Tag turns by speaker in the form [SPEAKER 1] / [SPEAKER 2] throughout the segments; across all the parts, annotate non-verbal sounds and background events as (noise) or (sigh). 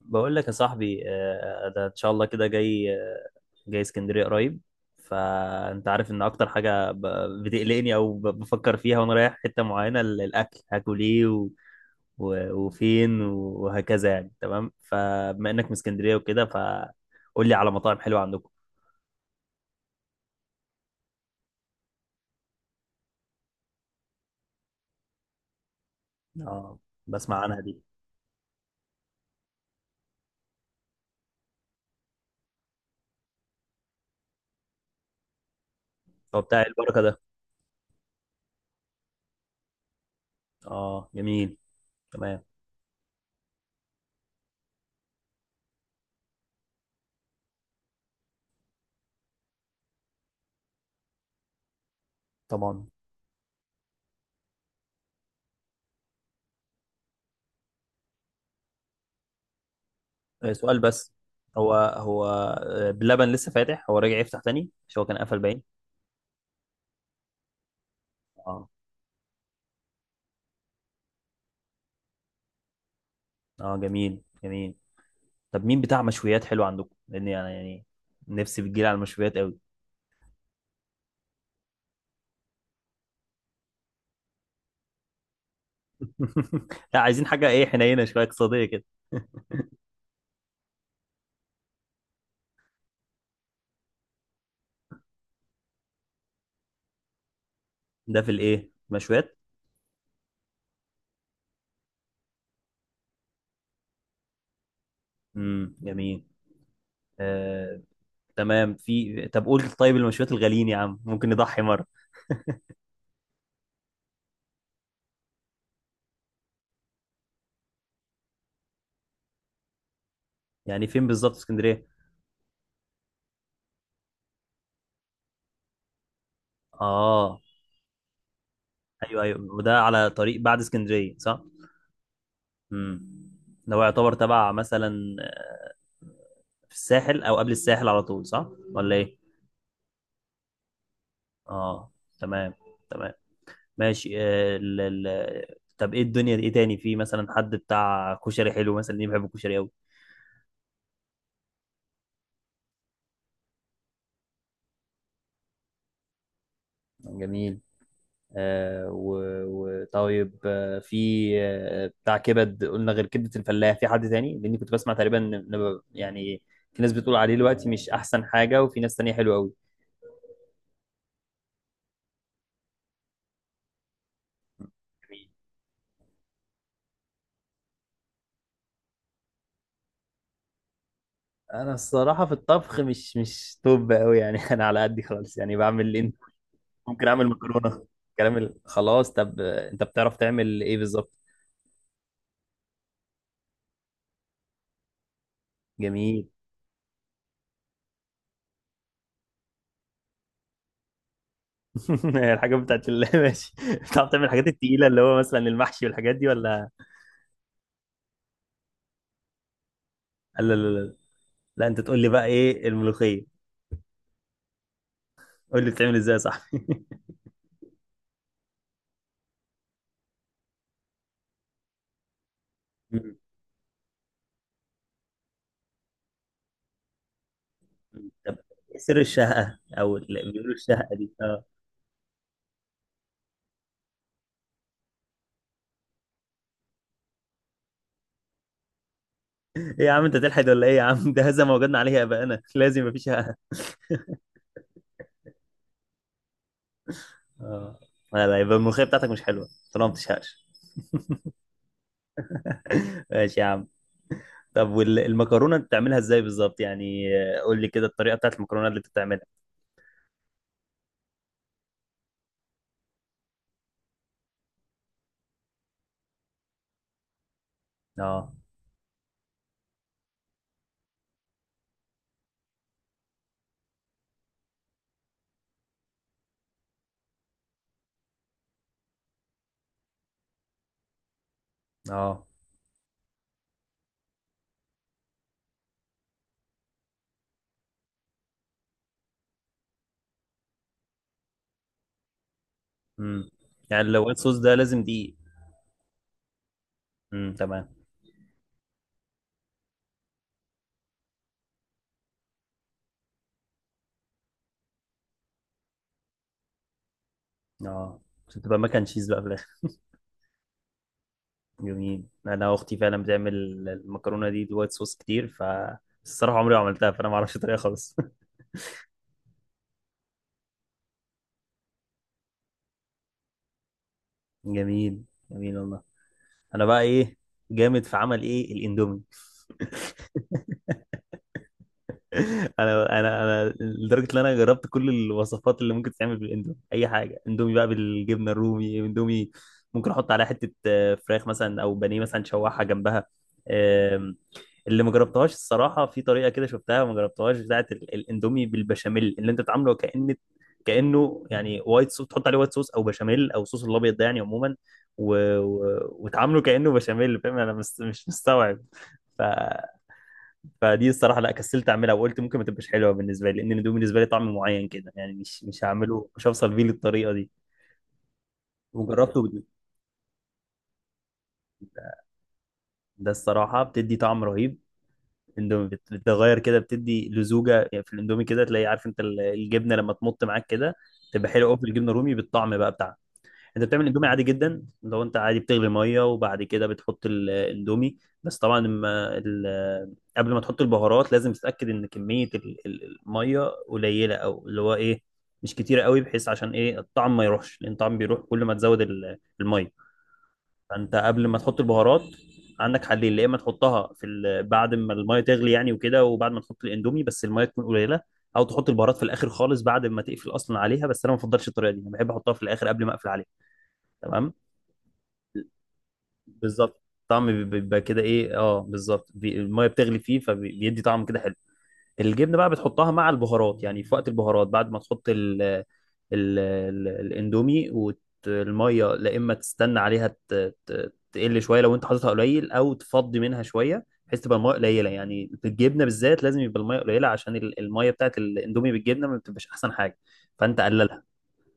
[SPEAKER 1] بقول لك يا صاحبي ده ان شاء الله كده جاي اسكندريه قريب. فانت عارف ان اكتر حاجه بتقلقني او بفكر فيها وانا رايح حته معينه، الاكل هاكل ايه وفين وهكذا يعني، تمام؟ فبما انك من اسكندريه وكده، فقول لي على مطاعم حلوه عندكم. اه، بسمع عنها دي. هو بتاع البركه ده؟ اه، جميل. تمام. طبعا. سؤال بس. هو بلبن لسه فاتح، هو راجع يفتح تاني؟ مش هو كان قفل باين؟ آه. اه، جميل جميل. طب مين بتاع مشويات حلو عندكم؟ لان يعني نفسي بتجيلي على المشويات قوي. (laughs) لا، عايزين حاجه ايه، حنينه شويه، اقتصاديه كده. (laughs) ده في الايه مشويات؟ جميل. آه، تمام. في طب قول، طيب المشويات الغاليين يا عم ممكن نضحي مره؟ يعني فين بالظبط في اسكندريه؟ اه، ايوه، ايوه، وده على طريق بعد اسكندريه صح؟ امم ده هو يعتبر تبع مثلا في الساحل او قبل الساحل على طول، صح ولا ايه؟ اه، تمام، تمام، ماشي. ال... طب، ايه الدنيا؟ ايه تاني في مثلا حد بتاع كشري حلو؟ مثلا ليه؟ بحب الكشري قوي. جميل. آه و... طيب. في... بتاع كبد، قلنا غير كبدة الفلاح في حد تاني؟ لاني كنت بسمع تقريبا يعني في ناس بتقول عليه دلوقتي مش احسن حاجة، وفي ناس تانية حلوة قوي. انا الصراحة في الطبخ مش توب قوي يعني. (laughs) انا على قدي خالص يعني، بعمل اللي انت. ممكن اعمل مكرونة. كلام خلاص. طب، انت بتعرف تعمل ايه بالظبط؟ جميل. (laughs) الحاجات بتاعت ال-... (laughs) ماشي. بتعرف تعمل الحاجات التقيلة، اللي هو مثلا المحشي والحاجات دي، ولا؟ لا، لا، لا، لا. لا، انت تقول لي بقى، ايه الملوخية؟ قول لي بتعمل ازاي يا صاحبي. (laughs) طب، ايه سر الشهقة او بيقولوا الشهقة دي، اه؟ ايه يا عم، انت تلحد ولا ايه يا عم؟ ده هذا ما وجدنا عليه ابائنا. (laughs) لازم يبقى في شهقة. اه، لا، لا، يبقى الملوخية بتاعتك مش حلوة طالما ما بتشهقش. (laughs) ماشي يا عم. طب والمكرونة بتعملها ازاي بالظبط يعني؟ قول لي كده الطريقة بتاعت المكرونة اللي انت بتعملها. اه، اه. امم يعني لو وايت صوص ده لازم دقيق؟ امم، تمام. اه، عشان تبقى مكن تشيز بقى في الاخر؟ جميل. انا اختي فعلا بتعمل المكرونه دي بالوايت صوص كتير، ف الصراحه عمري ما عملتها، فانا ما اعرفش الطريقه خالص. (laughs) جميل، جميل والله. انا بقى ايه جامد في عمل؟ ايه، الاندومي. (laughs) انا لدرجه ان انا جربت كل الوصفات اللي ممكن تتعمل بالاندومي. اي حاجه اندومي بقى، بالجبنه الرومي، اندومي ممكن احط عليها حته فراخ مثلا او بانيه مثلا شوحها جنبها. اللي ما جربتهاش الصراحه، في طريقه كده شفتها ما جربتهاش، بتاعه الاندومي بالبشاميل، اللي انت بتعامله كأنه يعني وايت صوص. تحط عليه وايت صوص او بشاميل او صوص الابيض ده يعني عموما، وتعامله كأنه بشاميل. فاهم؟ انا مش مستوعب. ف... فدي الصراحه، لا، كسلت اعملها، وقلت ممكن ما تبقاش حلوه بالنسبه لي، لان الاندومي بالنسبه لي طعم معين كده يعني. مش هعمله، مش هوصل بيه للطريقه دي. وجربته. ده الصراحه بتدي طعم رهيب. اندومي بتغير كده، بتدي لزوجه يعني في الاندومي كده تلاقي. عارف انت الجبنه لما تمط معاك كده، تبقى حلوه قوي في الجبنه الرومي بالطعم بقى بتاعها. انت بتعمل اندومي عادي جدا. لو انت عادي بتغلي ميه وبعد كده بتحط الاندومي. بس طبعا لما قبل ما تحط البهارات لازم تتاكد ان كميه الميه قليله، او اللي هو ايه، مش كتيره قوي، بحيث عشان ايه الطعم ما يروحش، لان الطعم بيروح كل ما تزود الميه. فانت قبل ما تحط البهارات، عندك حلين. يا اما تحطها في بعد ما الميه تغلي يعني وكده، وبعد ما تحط الاندومي، بس الميه تكون قليله. او تحط البهارات في الاخر خالص بعد ما تقفل اصلا عليها. بس انا ما بفضلش الطريقه دي، انا بحب احطها في الاخر قبل ما اقفل عليها. تمام. بالظبط. الطعم بيبقى كده، ايه، اه، بالظبط. الميه بتغلي فيه فبيدي طعم كده حلو. الجبنه بقى بتحطها مع البهارات، يعني في وقت البهارات بعد ما تحط ال الاندومي. والميه، لا اما تستنى عليها تقل شويه لو انت حاططها قليل، او تفضي منها شويه بحيث تبقى الميه قليله. يعني في الجبنه بالذات لازم يبقى الميه قليله، عشان الميه بتاعت الاندومي بالجبنه ما بتبقاش احسن حاجه. فانت قللها.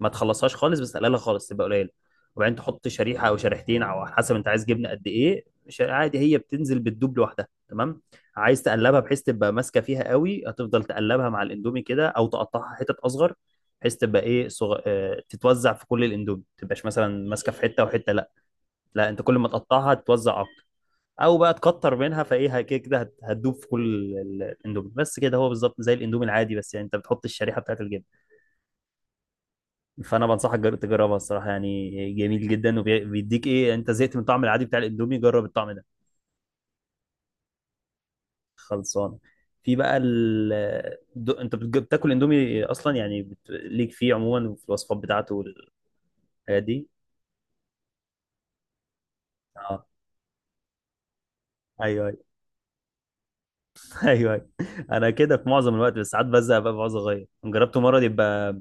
[SPEAKER 1] ما تخلصهاش خالص، بس تقللها خالص تبقى قليله. وبعدين تحط شريحه او شريحتين او على حسب انت عايز جبنه قد ايه. مش عادي، هي بتنزل بتدوب لوحدها. تمام. عايز تقلبها بحيث تبقى ماسكه فيها قوي، هتفضل تقلبها مع الاندومي كده، او تقطعها حتت اصغر بحيث تبقى ايه، صغ... آه، تتوزع في كل الاندومي، ما تبقاش مثلا ماسكه في حته وحته، لا. لا، انت كل ما تقطعها تتوزع اكتر. او بقى تكتر منها، فايه، كده كده هتدوب في كل الاندومي. بس كده هو بالظبط زي الاندومي العادي، بس يعني انت بتحط الشريحه بتاعت الجبنه. فانا بنصحك تجربها الصراحه، يعني جميل جدا وبيديك ايه. انت زهقت من الطعم العادي بتاع الاندومي، جرب الطعم ده. خلصان. في بقى انت بتاكل اندومي اصلا يعني؟ ليك فيه عموما في الوصفات بتاعته والحاجات دي؟ اه، ايوه، ايوه. (laughs) ايوه، أيوة. انا كده في معظم الوقت، بس ساعات بزهق بقى، بعوز اغير. جربته مره يبقى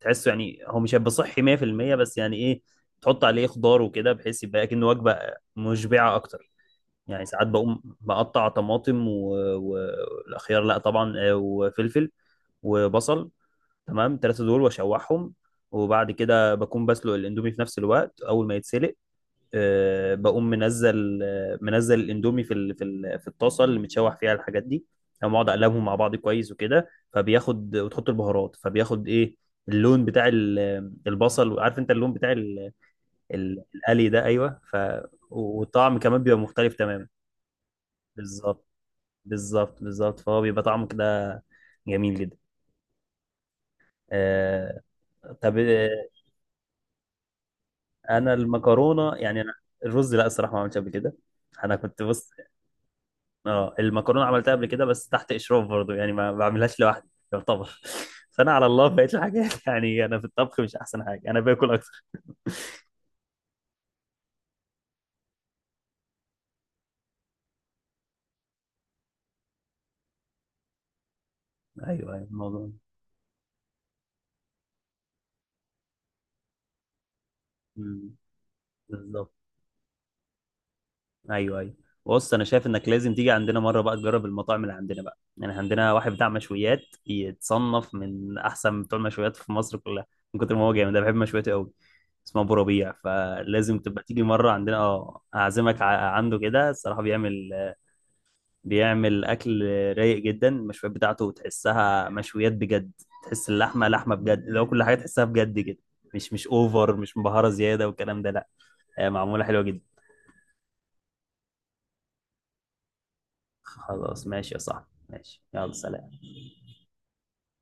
[SPEAKER 1] تحسه، يعني هو مش هيبقى صحي 100%، بس يعني ايه، تحط عليه خضار وكده بحيث يبقى كأنه وجبه مشبعه اكتر. يعني ساعات بقوم بقطع طماطم والخيار، لا طبعا، وفلفل وبصل. تمام، الثلاثه دول واشوحهم. وبعد كده بكون بسلق الاندومي في نفس الوقت. اول ما يتسلق، بقوم منزل الاندومي في الطاسه اللي متشوح فيها الحاجات دي. تمام. اقعد اقلبهم مع بعض كويس وكده، فبياخد. وتحط البهارات، فبياخد ايه، اللون بتاع البصل. عارف انت اللون بتاع القلي ده؟ ايوه، ف... والطعم كمان بيبقى مختلف تماما. بالظبط، بالظبط، بالظبط. فهو بيبقى طعمه كده جميل جدا. آه طب. انا المكرونه يعني انا... الرز، لا الصراحه ما عملتش قبل كده. انا كنت بص... اه، المكرونه عملتها قبل كده بس تحت اشراف برضو، يعني ما بعملهاش لوحدي يعتبر. (laughs) فانا على الله بقيت الحاجات. (laughs) يعني انا في الطبخ مش احسن حاجه، انا باكل اكتر. ايوه، ايوه، الموضوع ده. مم، بالظبط. ايوه، ايوه. بص، انا شايف انك لازم تيجي عندنا مره بقى، تجرب المطاعم اللي عندنا بقى. يعني عندنا واحد بتاع مشويات يتصنف من احسن بتوع المشويات في مصر كلها، من كتر ما هو جامد. انا بحب مشوياته قوي. اسمه ابو ربيع، فلازم تبقى تيجي مره عندنا. اه اعزمك عنده كده. الصراحه بيعمل اكل رايق جدا. المشويات بتاعته تحسها مشويات بجد. تحس اللحمه لحمه بجد، لو كل حاجه تحسها بجد كده، مش اوفر، مش مبهره زياده والكلام ده، لا. معموله حلوه جدا. خلاص ماشي يا صاحبي، ماشي، يلا سلام.